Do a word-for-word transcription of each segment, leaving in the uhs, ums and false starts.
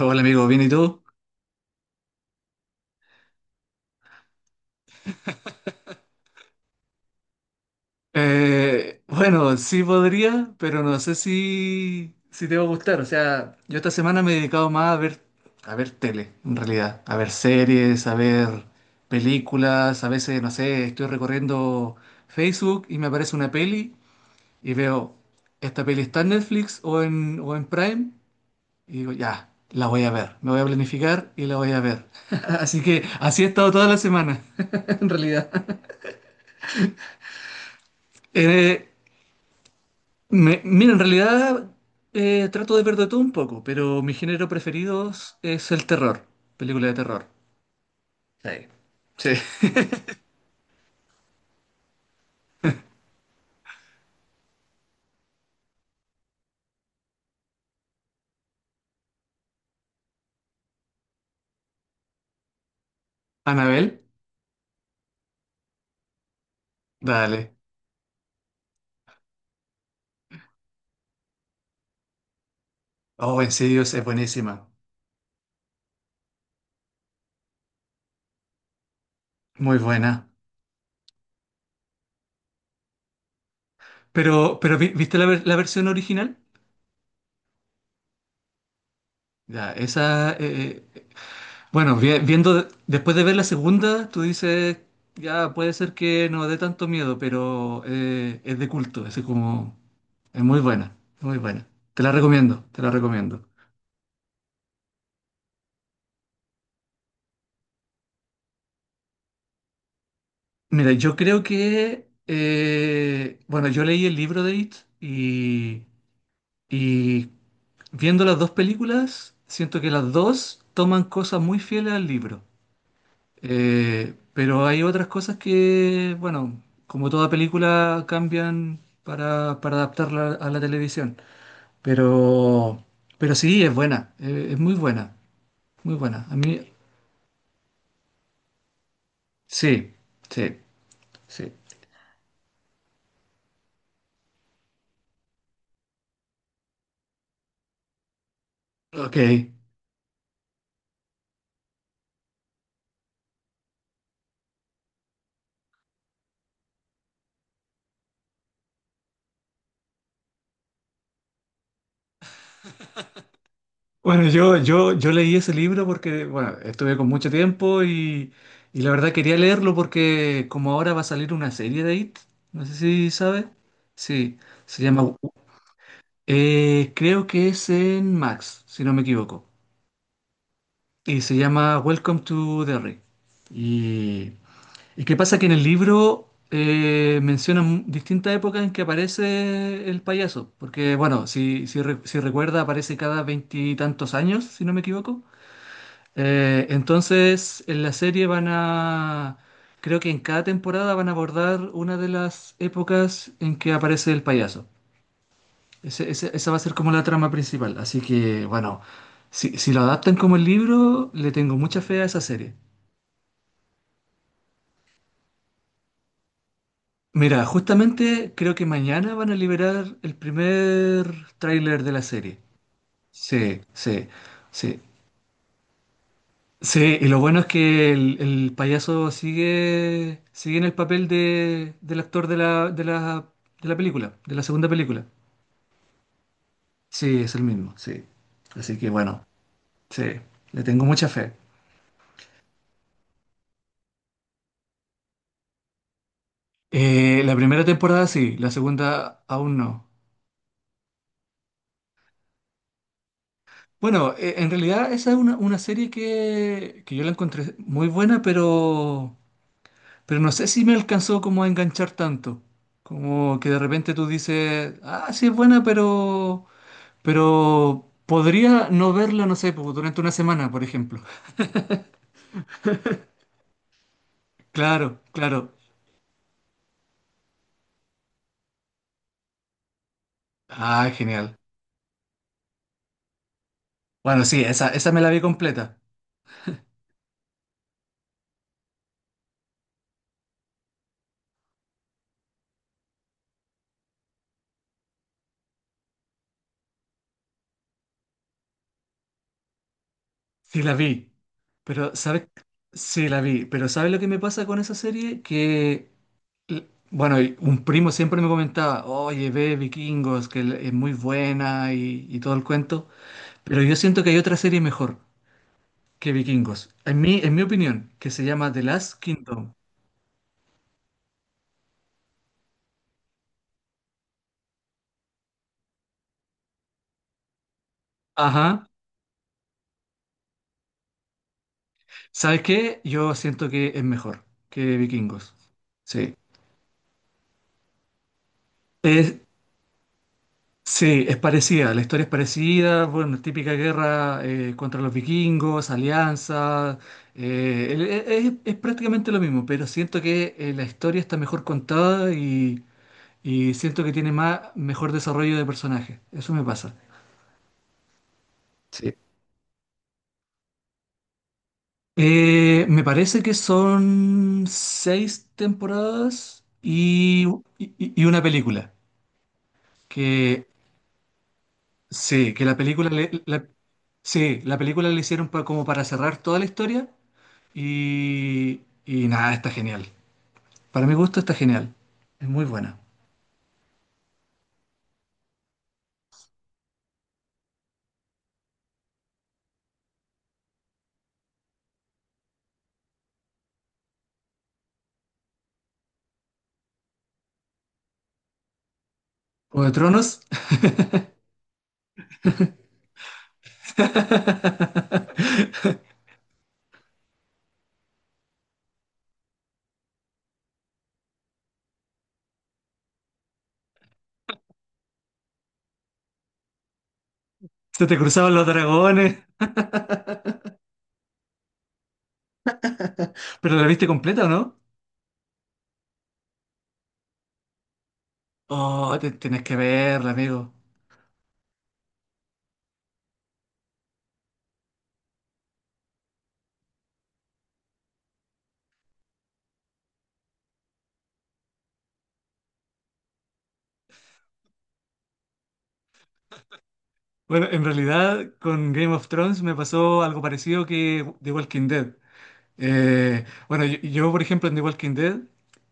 Hola amigo, ¿bien y tú? Eh, bueno, sí podría, pero no sé si, si te va a gustar. O sea, yo esta semana me he dedicado más a ver, a ver tele, en realidad. A ver series, a ver películas. A veces, no sé, estoy recorriendo Facebook y me aparece una peli y veo, esta peli está en Netflix o en, o en Prime. Y digo, ya, la voy a ver. Me voy a planificar y la voy a ver. Así que así he estado toda la semana, en realidad. Eh, Me- mira, en realidad eh, trato de ver de todo un poco, pero mi género preferido es el terror, película de terror. Sí. Sí. Anabel, dale. Oh, en serio, es es buenísima. Muy buena. Pero, pero vi- ¿viste la, ver- la versión original? Ya, esa... eh, eh, bueno, vi- Viendo... Después de ver la segunda, tú dices... Ya, puede ser que no dé tanto miedo, pero eh, es de culto. Es como... Es muy buena, muy buena. Te la recomiendo, te la recomiendo. Mira, yo creo que, eh, bueno, yo leí el libro de It y, y viendo las dos películas, siento que las dos toman cosas muy fieles al libro. Eh, pero hay otras cosas que, bueno, como toda película, cambian para, para adaptarla a la televisión. Pero, pero sí, es buena, eh, es muy buena, muy buena. A mí, sí, sí, sí. Ok. Bueno, yo, yo, yo leí ese libro porque, bueno, estuve con mucho tiempo y, y la verdad quería leerlo porque como ahora va a salir una serie de I T, no sé si sabe, sí, se llama, eh, creo que es en Max, si no me equivoco, y se llama Welcome to Derry. Y, y qué pasa que en el libro eh, mencionan distintas épocas en que aparece el payaso, porque, bueno, si, si, re- si recuerda aparece cada veintitantos años, si no me equivoco. Eh, entonces, en la serie van a, creo que en cada temporada van a abordar una de las épocas en que aparece el payaso. Ese- ese- esa va a ser como la trama principal. Así que, bueno, si, si lo adaptan como el libro, le tengo mucha fe a esa serie. Mira, justamente creo que mañana van a liberar el primer tráiler de la serie. Sí, sí, sí. Sí, y lo bueno es que el, el payaso sigue, sigue en el papel de, del actor de la, de la, de la película, de la segunda película. Sí, es el mismo, sí. Así que bueno, sí, le tengo mucha fe. Eh, la primera temporada sí, la segunda aún no. Bueno, eh, en realidad esa es una, una serie que, que yo la encontré muy buena, pero, pero no sé si me alcanzó como a enganchar tanto. Como que de repente tú dices, ah, sí es buena, pero... Pero podría no verla, no sé, pues, durante una semana, por ejemplo. Claro, claro. Ah, genial. Bueno, sí, esa, esa me la vi completa. Sí, la vi. Pero, ¿sabes? Sí, la vi. Pero, ¿sabes lo que me pasa con esa serie? Que, l- bueno, y un primo siempre me comentaba, oye, ve Vikingos, que l- es muy buena y, y todo el cuento. Pero yo siento que hay otra serie mejor que Vikingos. En mi, en mi opinión, que se llama The Last Kingdom. Ajá. ¿Sabes qué? Yo siento que es mejor que Vikingos. Sí. Es, sí, es parecida, la historia es parecida, bueno, típica guerra eh, contra los vikingos, alianza, eh, el- e- es, es prácticamente lo mismo, pero siento que eh, la historia está mejor contada y, y siento que tiene más, mejor desarrollo de personajes, eso me pasa. Sí. Eh, me parece que son seis temporadas y, y- y una película, que sí, que la película le, la- sí, la película le hicieron pa- como para cerrar toda la historia y, y nada, está genial. Para mi gusto está genial. Es muy buena. O de Tronos. Se te cruzaban los dragones. ¿Pero la viste completa o no? Oh, te- tenés que verla, amigo. Bueno, en realidad con Game of Thrones me pasó algo parecido que The Walking Dead. Eh, bueno, yo, yo, por ejemplo, en The Walking Dead,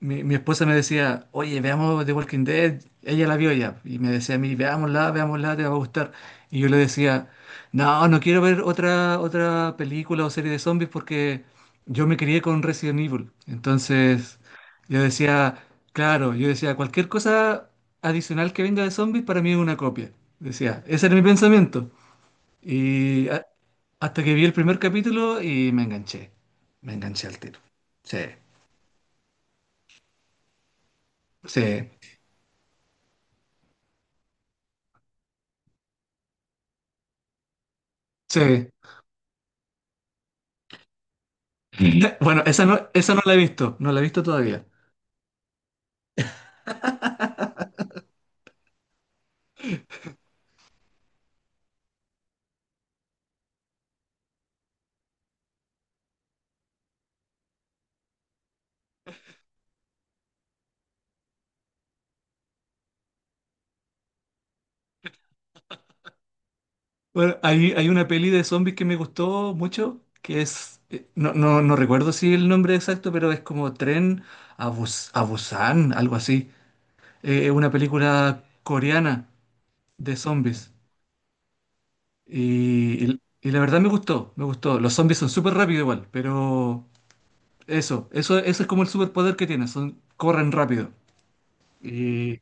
mi, mi esposa me decía, oye, veamos The Walking Dead, ella la vio ya, y me decía a mí, veámosla, veámosla, te va a gustar. Y yo le decía, no, no quiero ver otra, otra película o serie de zombies porque yo me crié con Resident Evil. Entonces, yo decía, claro, yo decía, cualquier cosa adicional que venga de zombies para mí es una copia. Decía, ese era mi pensamiento. Y ah, Hasta que vi el primer capítulo y me enganché. Me enganché al tiro. Sí, sí, sí. Sí. Bueno, esa no, esa no la he visto, no la he visto todavía. Bueno, hay, hay una peli de zombies que me gustó mucho, que es, eh, no, no, no recuerdo si el nombre exacto, pero es como Tren a, Bus- a Busan, algo así. Eh, Es una película coreana de zombies. Y, y- y la verdad me gustó, me gustó. Los zombies son súper rápidos igual, pero, Eso, eso, eso es como el superpoder que tienen, son, corren rápido. Y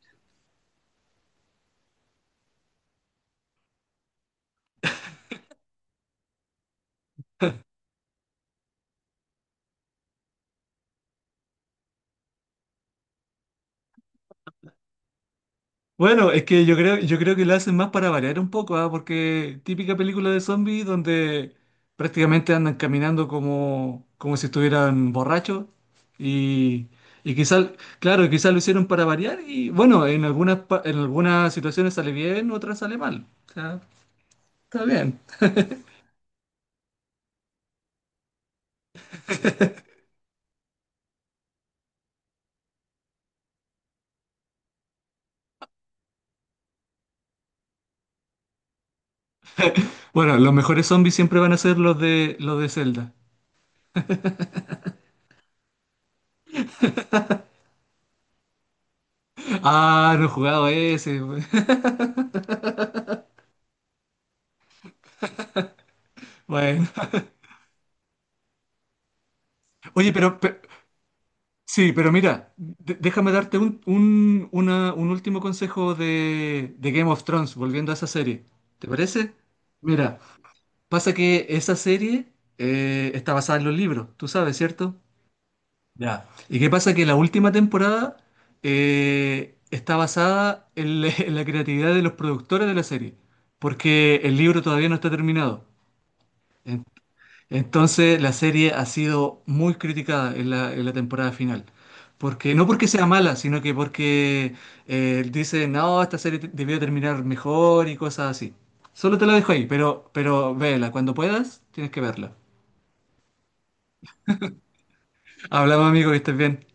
bueno, es que yo creo, yo creo que lo hacen más para variar un poco, ¿ah? Porque típica película de zombies donde prácticamente andan caminando como, como si estuvieran borrachos. Y, y quizás, claro, quizás lo hicieron para variar y bueno, en algunas, pa- en algunas situaciones sale bien, otras sale mal. O sea, está bien. Bueno, los mejores zombies siempre van a ser los de, los de Zelda. Ah, no he jugado ese. Bueno. Oye, pero, pe- sí, pero mira, de- déjame darte un, un- una- un último consejo de, de Game of Thrones, volviendo a esa serie. ¿Te parece? Mira, pasa que esa serie eh, está basada en los libros, tú sabes, ¿cierto? Ya. ¿Y qué pasa? Que la última temporada eh, está basada en la, en la creatividad de los productores de la serie, porque el libro todavía no está terminado. Entonces la serie ha sido muy criticada en la, en la temporada final. Porque, no porque sea mala, sino que porque eh, dice, no, esta serie te- debió terminar mejor y cosas así. Solo te lo dejo ahí, pero, pero vela, cuando puedas, tienes que verla. Hablamos, amigo, que estés bien.